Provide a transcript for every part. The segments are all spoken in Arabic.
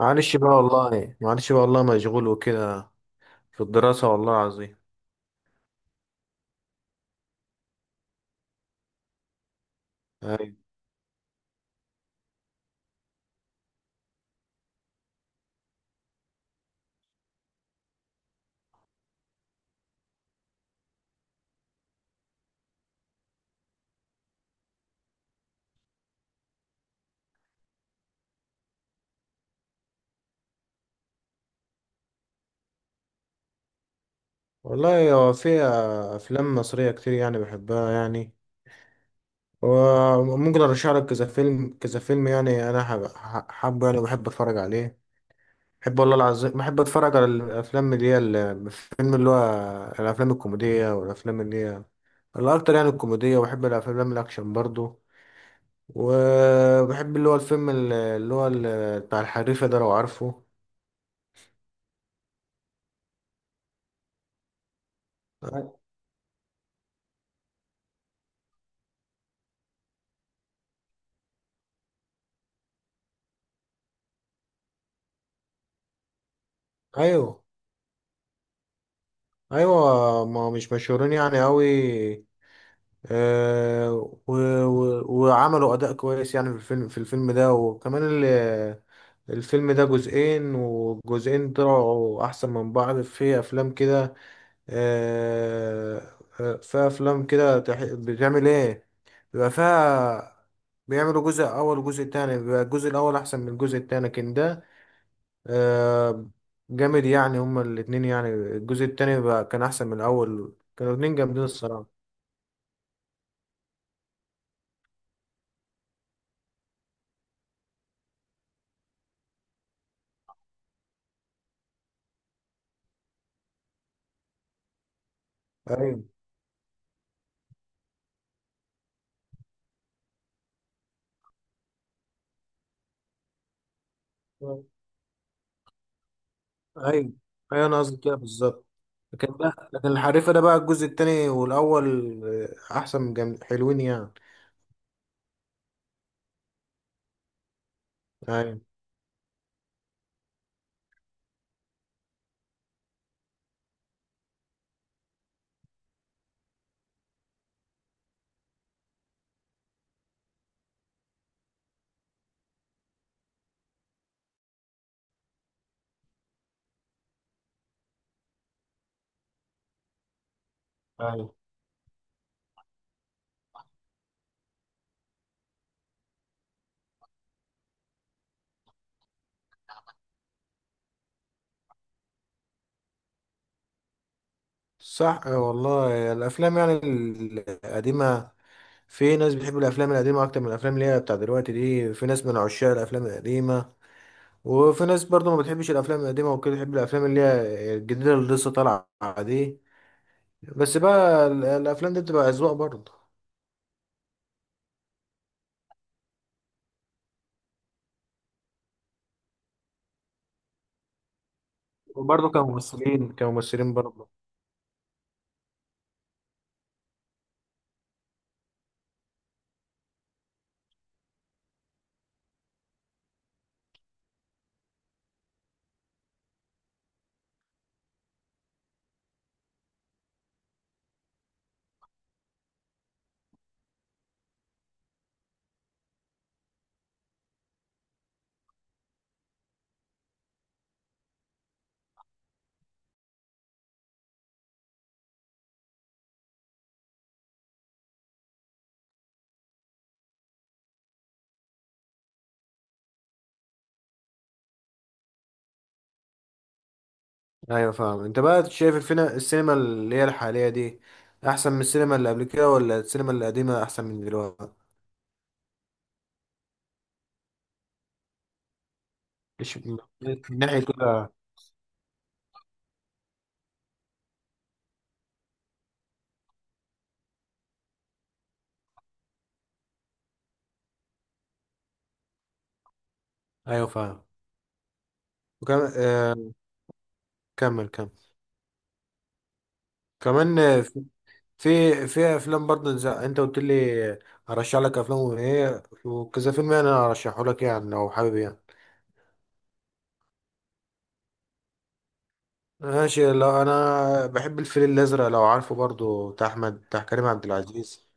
معلش بقى والله مشغول وكده. في الدراسة والله العظيم. أيوة. والله هو في أفلام مصرية كتير يعني بحبها يعني. وممكن أرشح لك كذا فيلم كذا فيلم يعني أنا حابه يعني بحب أتفرج عليه. بحب والله العظيم بحب أتفرج على الأفلام اللي هي الفيلم اللي هو الأفلام الكوميدية، والأفلام اللي هي الأكتر يعني الكوميدية، وبحب الأفلام الأكشن برضو. وبحب اللي هو الفيلم اللي هو بتاع الحريفة ده لو عارفه. أيوه، ايوه، ما مش مشهورين يعني قوي. آه. و و وعملوا اداء كويس يعني في الفيلم ده، وكمان الفيلم ده جزئين والجزئين طلعوا احسن من بعض في افلام كده. آه، آه، في افلام كده بتعمل ايه، بيبقى فيها بيعملوا جزء اول وجزء تاني بيبقى الجزء الاول احسن من الجزء التاني، لكن ده آه، جامد يعني. هما الاتنين يعني الجزء التاني بقى كان أحسن من الأول، كانوا الاتنين جامدين الصراحة. أيوة، أيوة، أيوة، أنا قصدي كده بالظبط. لكن الحريفة ده بقى الجزء التاني والأول آه، أحسن من جامد حلوين يعني. أيوة، أيوة. صح آه، والله الأفلام يعني القديمة، في ناس بتحب الأفلام القديمة أكتر من الأفلام اللي هي بتاع دلوقتي دي، في ناس من عشاق الأفلام القديمة، وفي ناس برضو ما بتحبش الافلام القديمه وكده، تحب الافلام اللي هي الجديده اللي لسه طالعه دي. بس بقى الافلام دي بتبقى اذواق برضو. وبرضو كممثلين برضو. ايوه فاهم. انت بقى شايف الفينا السينما اللي هي الحاليه دي احسن من السينما اللي قبل كده، ولا السينما القديمه احسن من دلوقتي؟ مش من ناحيه كده. ايوه فاهم. وكم... آه... كمل كمل كمان. في في افلام برضه زي انت قلت لي ارشح لك افلام وايه وكذا فيلم، يعني انا ارشحه لك يعني لو حابب يعني. ماشي، لو انا بحب الفيل الازرق لو عارفه برضه، بتاع احمد، بتاع كريم عبد العزيز.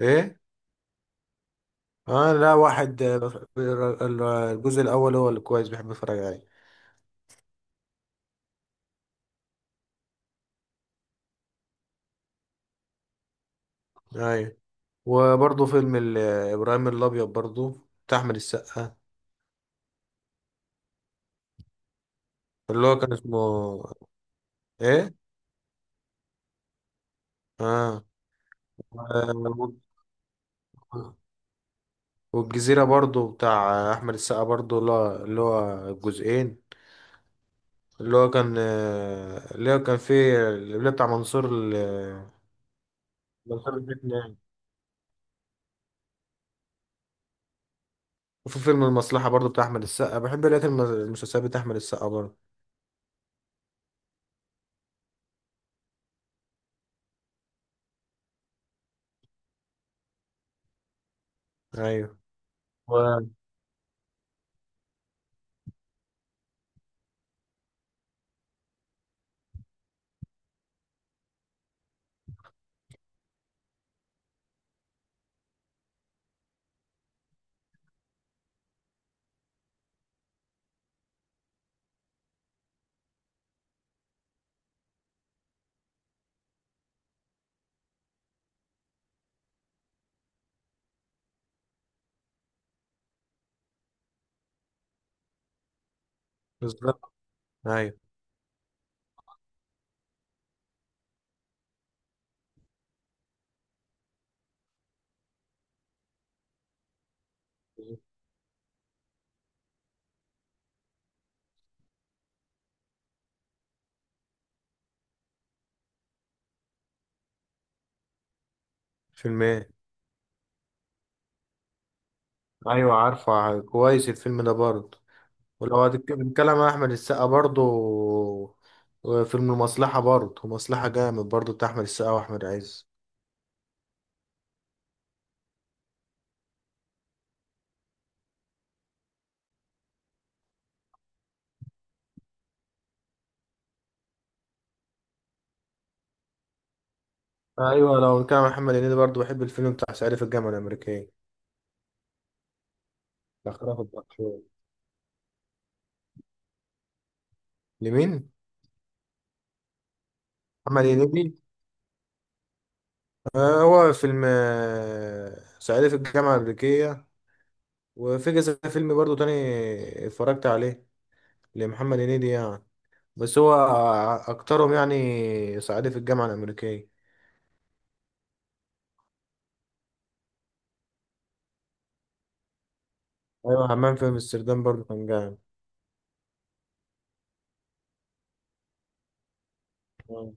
ايه. اه، لا، واحد، الجزء الاول هو اللي كويس بحب اتفرج عليه. ايوه. وبرضه فيلم ابراهيم الابيض برضه بتاع احمد السقا. اللي هو كان اسمه ايه؟ اه. والجزيرة برضو بتاع أحمد السقا برضو، اللي هو الجزئين، اللي هو كان اللي هو كان فيه اللي بتاع منصور الفتنة. وفي فيلم المصلحة برضو بتاع أحمد السقا، بحب لقيت المسلسلات بتاع أحمد السقا برضو. أيوة. و- بالظبط. أيوة. فيلم إيه؟ أيوة عارفة كويس الفيلم ده برضو. ولو هتتكلم عن أحمد السقا برضو، فيلم المصلحة برضو، مصلحة جامد برضو بتاع أحمد السقا وأحمد عز. ايوه، لو كان محمد هنيدي برضه بحب الفيلم بتاع صعيدي في الجامعه الامريكيه. الاخراف الدكتور. لمين؟ محمد هنيدي. آه، هو فيلم صعيدي في الجامعه الامريكيه، وفي كذا فيلم برضه تاني اتفرجت عليه لمحمد هنيدي يعني، بس هو اكترهم يعني صعيدي في الجامعه الامريكيه. ايوه، حمام في امستردام برضه كان جامد. آه.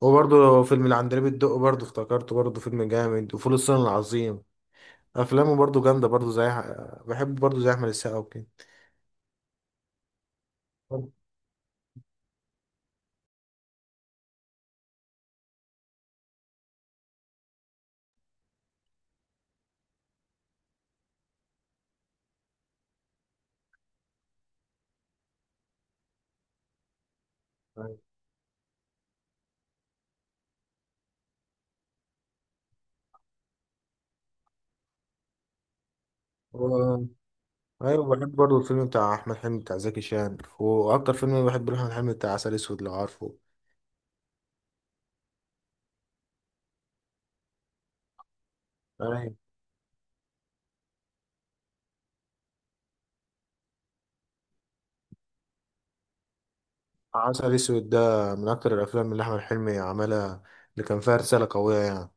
وبرضه فيلم العندليب الدق برضه افتكرته، برضه فيلم جامد، وفول الصين العظيم، افلامه برضه جامده برضه زي، بحب برضه زي احمد السقا وكده. أيوة. و... ايوه بحب برضه الفيلم بتاع احمد حلمي بتاع زكي شان، واكتر فيلم بحب له احمد حلمي بتاع عسل اسود لو عارفه. ايوه. عسل اسود ده من اكتر الافلام اللي احمد حلمي عملها، اللي كان فيها رساله قويه يعني.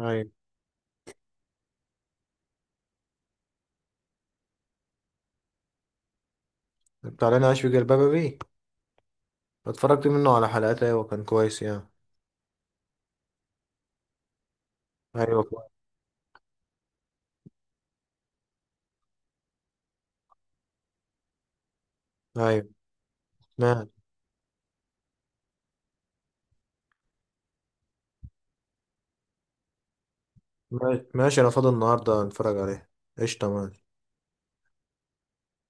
ايوه، بتاع لنا عايش في جلباب ابي، اتفرجت منه على حلقات، ايوه كان كويس يعني. ايوه كويس. ايوه، ماشي، ماشي، ماشي، انا فاضي النهارده نتفرج عليه. قشطه ماشي.